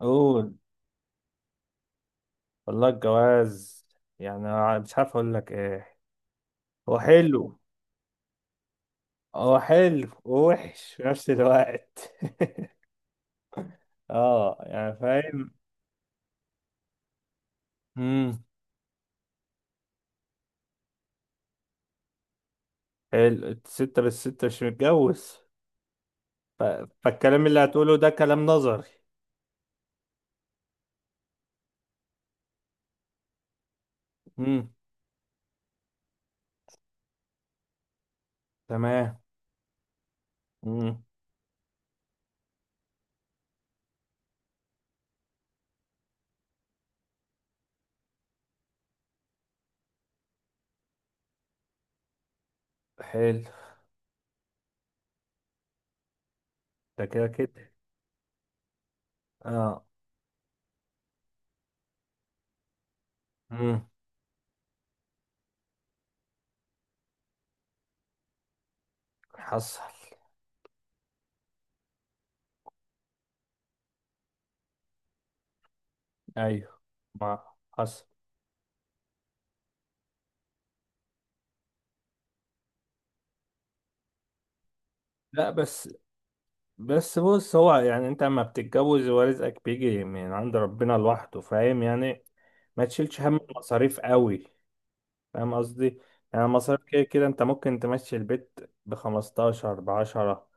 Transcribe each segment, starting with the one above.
قول والله الجواز، يعني أنا مش عارف اقول لك ايه. هو حلو. هو حلو ووحش في نفس الوقت. اه، يعني فاهم. امم حلو الستة، بس الستة مش متجوز. ف... فالكلام اللي هتقوله ده كلام نظري. امم تمام. امم حلو. ده كده كده. اه. امم حصل. ايوه، ما حصل. لا بس، بس بص، هو يعني انت اما بتتجوز ورزقك بيجي من عند ربنا لوحده، فاهم يعني؟ ما تشيلش هم المصاريف قوي، فاهم قصدي؟ يعني المصاريف كده كده انت ممكن تمشي البيت بخمستاشر، بعشرة،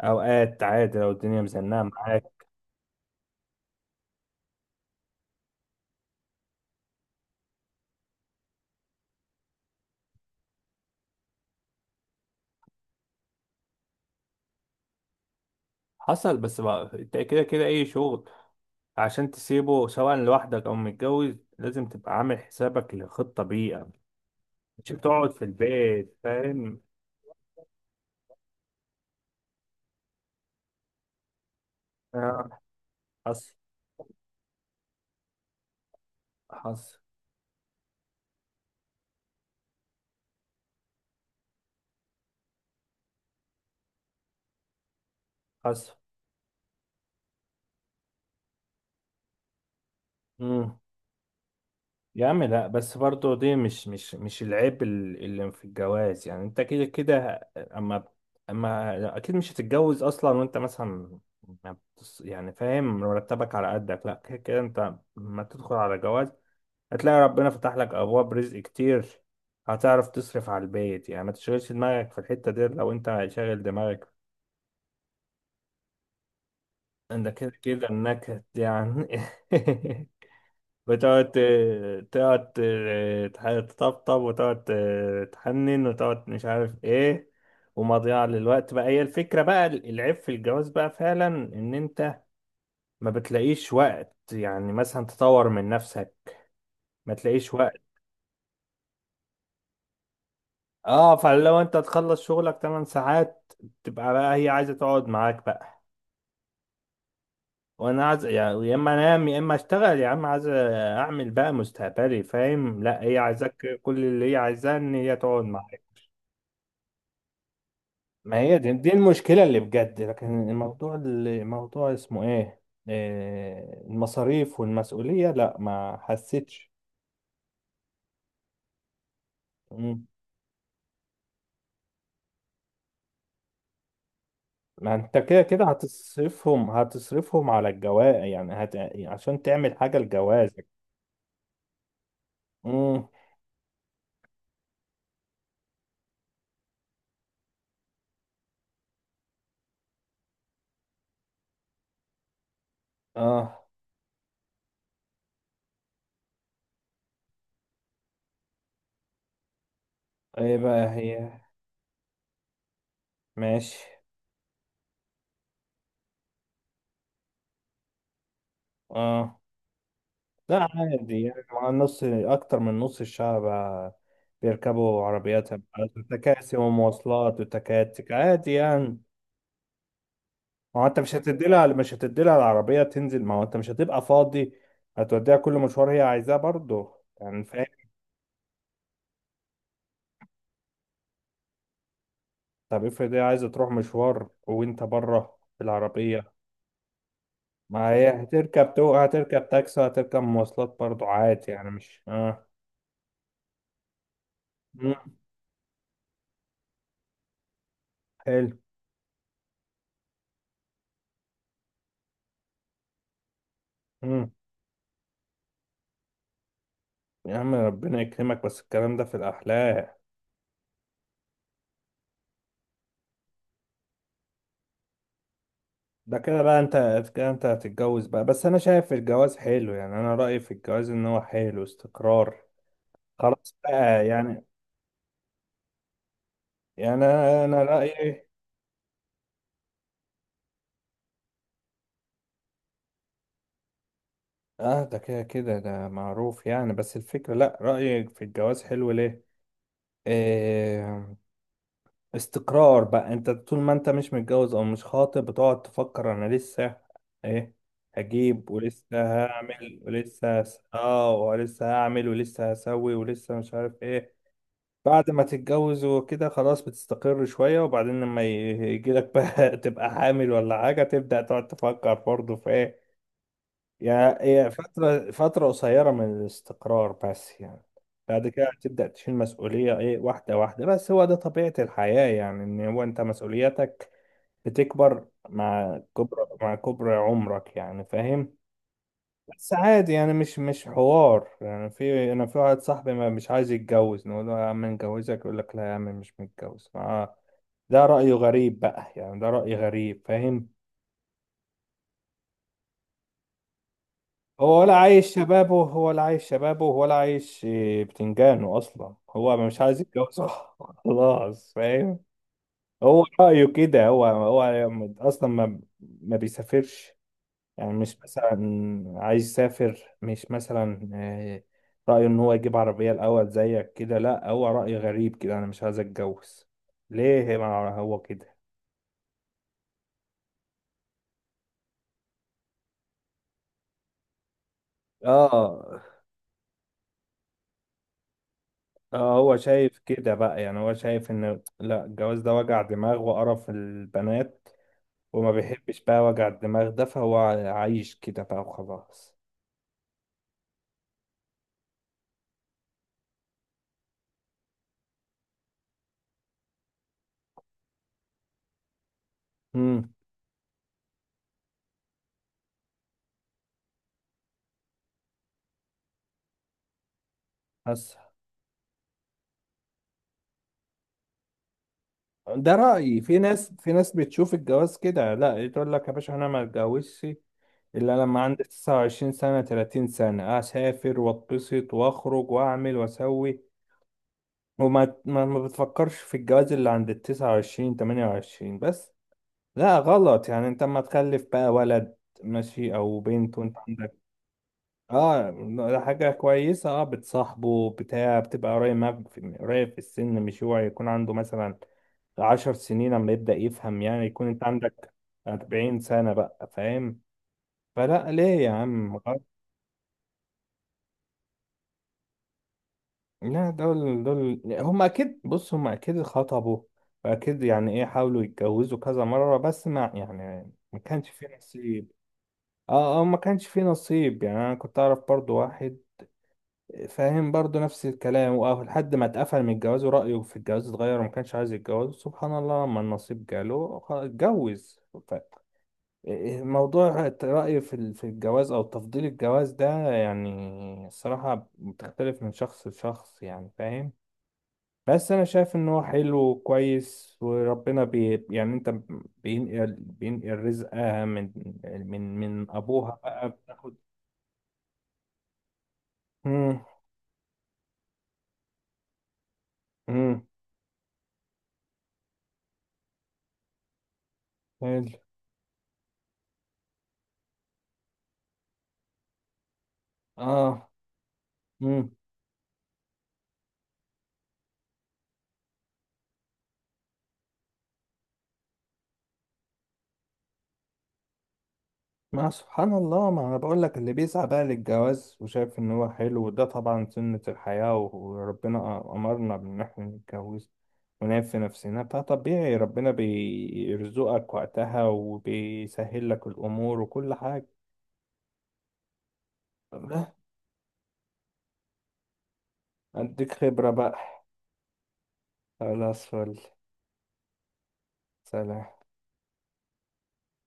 اوقات عادي لو الدنيا مزنقة معاك. حصل، بس بقى انت كده كده اي شغل عشان تسيبه سواء لوحدك او متجوز لازم تبقى عامل حسابك لخطة بيئة، مش بتقعد في البيت، فاهم؟ آه، حصل. حصل. حصل. يا عم لا، بس برضه دي مش العيب اللي في الجواز، يعني انت كده كده اما، اكيد مش هتتجوز اصلا وانت مثلا ما يعني فاهم، مرتبك على قدك، لا كده كده انت لما تدخل على جواز هتلاقي ربنا فتح لك ابواب رزق كتير. هتعرف تصرف على البيت، يعني ما تشغلش دماغك في الحتة دي. لو انت شاغل دماغك انت كده كده انك يعني بتقعد تقعد تطبطب، وتقعد تحنن، وتقعد مش عارف ايه، ومضيعة للوقت بقى. هي الفكرة بقى، العيب في الجواز بقى فعلا ان انت ما بتلاقيش وقت يعني مثلا تطور من نفسك. ما تلاقيش وقت. اه، فلو انت تخلص شغلك 8 ساعات تبقى بقى هي عايزة تقعد معاك بقى، وانا عايز يعني يا اما انام يا اما اشتغل. يا عم عايز اعمل بقى مستقبلي، فاهم؟ لا، هي عايزاك، كل اللي هي عايزاه ان هي تقعد معاك. ما هي دي المشكلة اللي بجد، لكن الموضوع اللي موضوع اسمه ايه، المصاريف والمسؤولية، لا ما حسيتش. مم. ما انت كده كده هتصرفهم، على الجواز، يعني عشان تعمل حاجة لجوازك. مم. اه، ايه بقى هي؟ ماشي. اه لا عادي يعني، مع نص، اكتر من نص الشعب بيركبوا عربيات، تكاسي ومواصلات وتكاتك، عادي يعني. ما هو انت مش هتدي لها العربية تنزل. ما هو انت مش هتبقى فاضي، هتوديها كل مشوار هي عايزاه برضه، يعني فاهم. طب افرض هي عايزة تروح مشوار وانت بره في العربية؟ ما هي هتركب تاكسي، هتركب مواصلات برضه، عادي يعني، مش اه. مم. حلو. مم. يا عم ربنا يكرمك، بس الكلام ده في الأحلام. ده كده بقى انت، كده انت هتتجوز بقى. بس انا شايف الجواز حلو، يعني انا رأيي في الجواز ان هو حلو، استقرار. خلاص بقى يعني، يعني أنا رايي. اه ده كده كده، ده معروف يعني. بس الفكره، لا، رايي في الجواز حلو ليه؟ إيه، استقرار بقى. انت طول ما انت مش متجوز او مش خاطب بتقعد تفكر، انا لسه ايه، هجيب، ولسه هعمل، اه ولسه هعمل ولسه هسوي ولسه مش عارف ايه. بعد ما تتجوز وكده خلاص بتستقر شوية، وبعدين لما يجيلك بقى تبقى حامل ولا حاجة، تبدأ تقعد تفكر برضه في ايه. يعني هي فترة قصيرة من الاستقرار بس يعني، بعد كده هتبدأ تشيل مسؤولية، ايه، واحدة واحدة. بس هو ده طبيعة الحياة، يعني ان هو انت مسؤولياتك بتكبر مع كبر عمرك، يعني فاهم. بس عادي يعني، مش حوار يعني. في انا، في واحد صاحبي ما مش عايز يتجوز، نقول له يا عم نجوزك، يقول لك لا يا عم مش متجوز، آه. ده رأيه غريب بقى، يعني ده رأي غريب، فاهم؟ هو ولا عايش شبابه، ولا عايش شبابه، ولا عايش، بتنجانه اصلا، هو مش عايز يتجوز. خلاص، فاهم. هو رأيه كده، هو هو، اصلا ما بيسافرش، يعني مش مثلا عايز يسافر، مش مثلا رأيه ان هو يجيب عربية الاول زيك كده. لا هو رأي غريب كده، انا مش عايز اتجوز ليه؟ ما هو كده. اه، اه، هو شايف كده بقى. يعني هو شايف ان لا الجواز ده وجع دماغ وقرف البنات، وما بيحبش بقى وجع الدماغ ده، فهو عايش كده بقى، وخلاص. امم بس ده رأيي. في ناس، بتشوف الجواز كده، لا، تقول لك يا باشا انا ما اتجوزش الا لما عندي 29 سنة، 30 سنة، اسافر واتبسط واخرج واعمل واسوي، وما ما ما بتفكرش في الجواز اللي عند ال 29، 28 بس. لا غلط، يعني انت اما تخلف بقى ولد ماشي او بنت وانت عندك، اه، ده حاجة كويسة. اه، بتصاحبه، بتاع، بتبقى قريب معاك قريب في السن، مش هو يكون عنده مثلا 10 سنين لما يبدأ يفهم يعني، يكون انت عندك 40 سنة بقى، فاهم. فلا ليه يا عم، غلط. لا دول، هم أكيد، بص هم أكيد خطبوا، وأكيد يعني إيه، حاولوا يتجوزوا كذا مرة، بس ما يعني، ما كانش في نصيب. اه، اه، ما كانش في نصيب. يعني أنا كنت أعرف برضو واحد، فاهم، برضو نفس الكلام، واه، لحد ما اتقفل من الجواز، ورأيه في الجواز اتغير، وما كانش عايز يتجوز. سبحان الله، لما النصيب جاله اتجوز. ف- إيه، موضوع رأيه في في الجواز، أو تفضيل الجواز ده يعني، الصراحة بتختلف من شخص لشخص، يعني فاهم. بس أنا شايف إن هو حلو وكويس، وربنا يعني أنت، بينقل رزقها من، من أبوها بقى بتاخد. مم. مم. حلو. آه. مم. ما سبحان الله، ما انا بقول لك، اللي بيسعى بقى للجواز وشايف ان هو حلو، وده طبعا سنة الحياة، وربنا امرنا بان احنا نتجوز ونعيب في نفسنا، فطبيعي ربنا بيرزقك وقتها وبيسهل لك الامور وكل حاجة. الله، اديك خبرة بقى. خلاص، فل. سلام.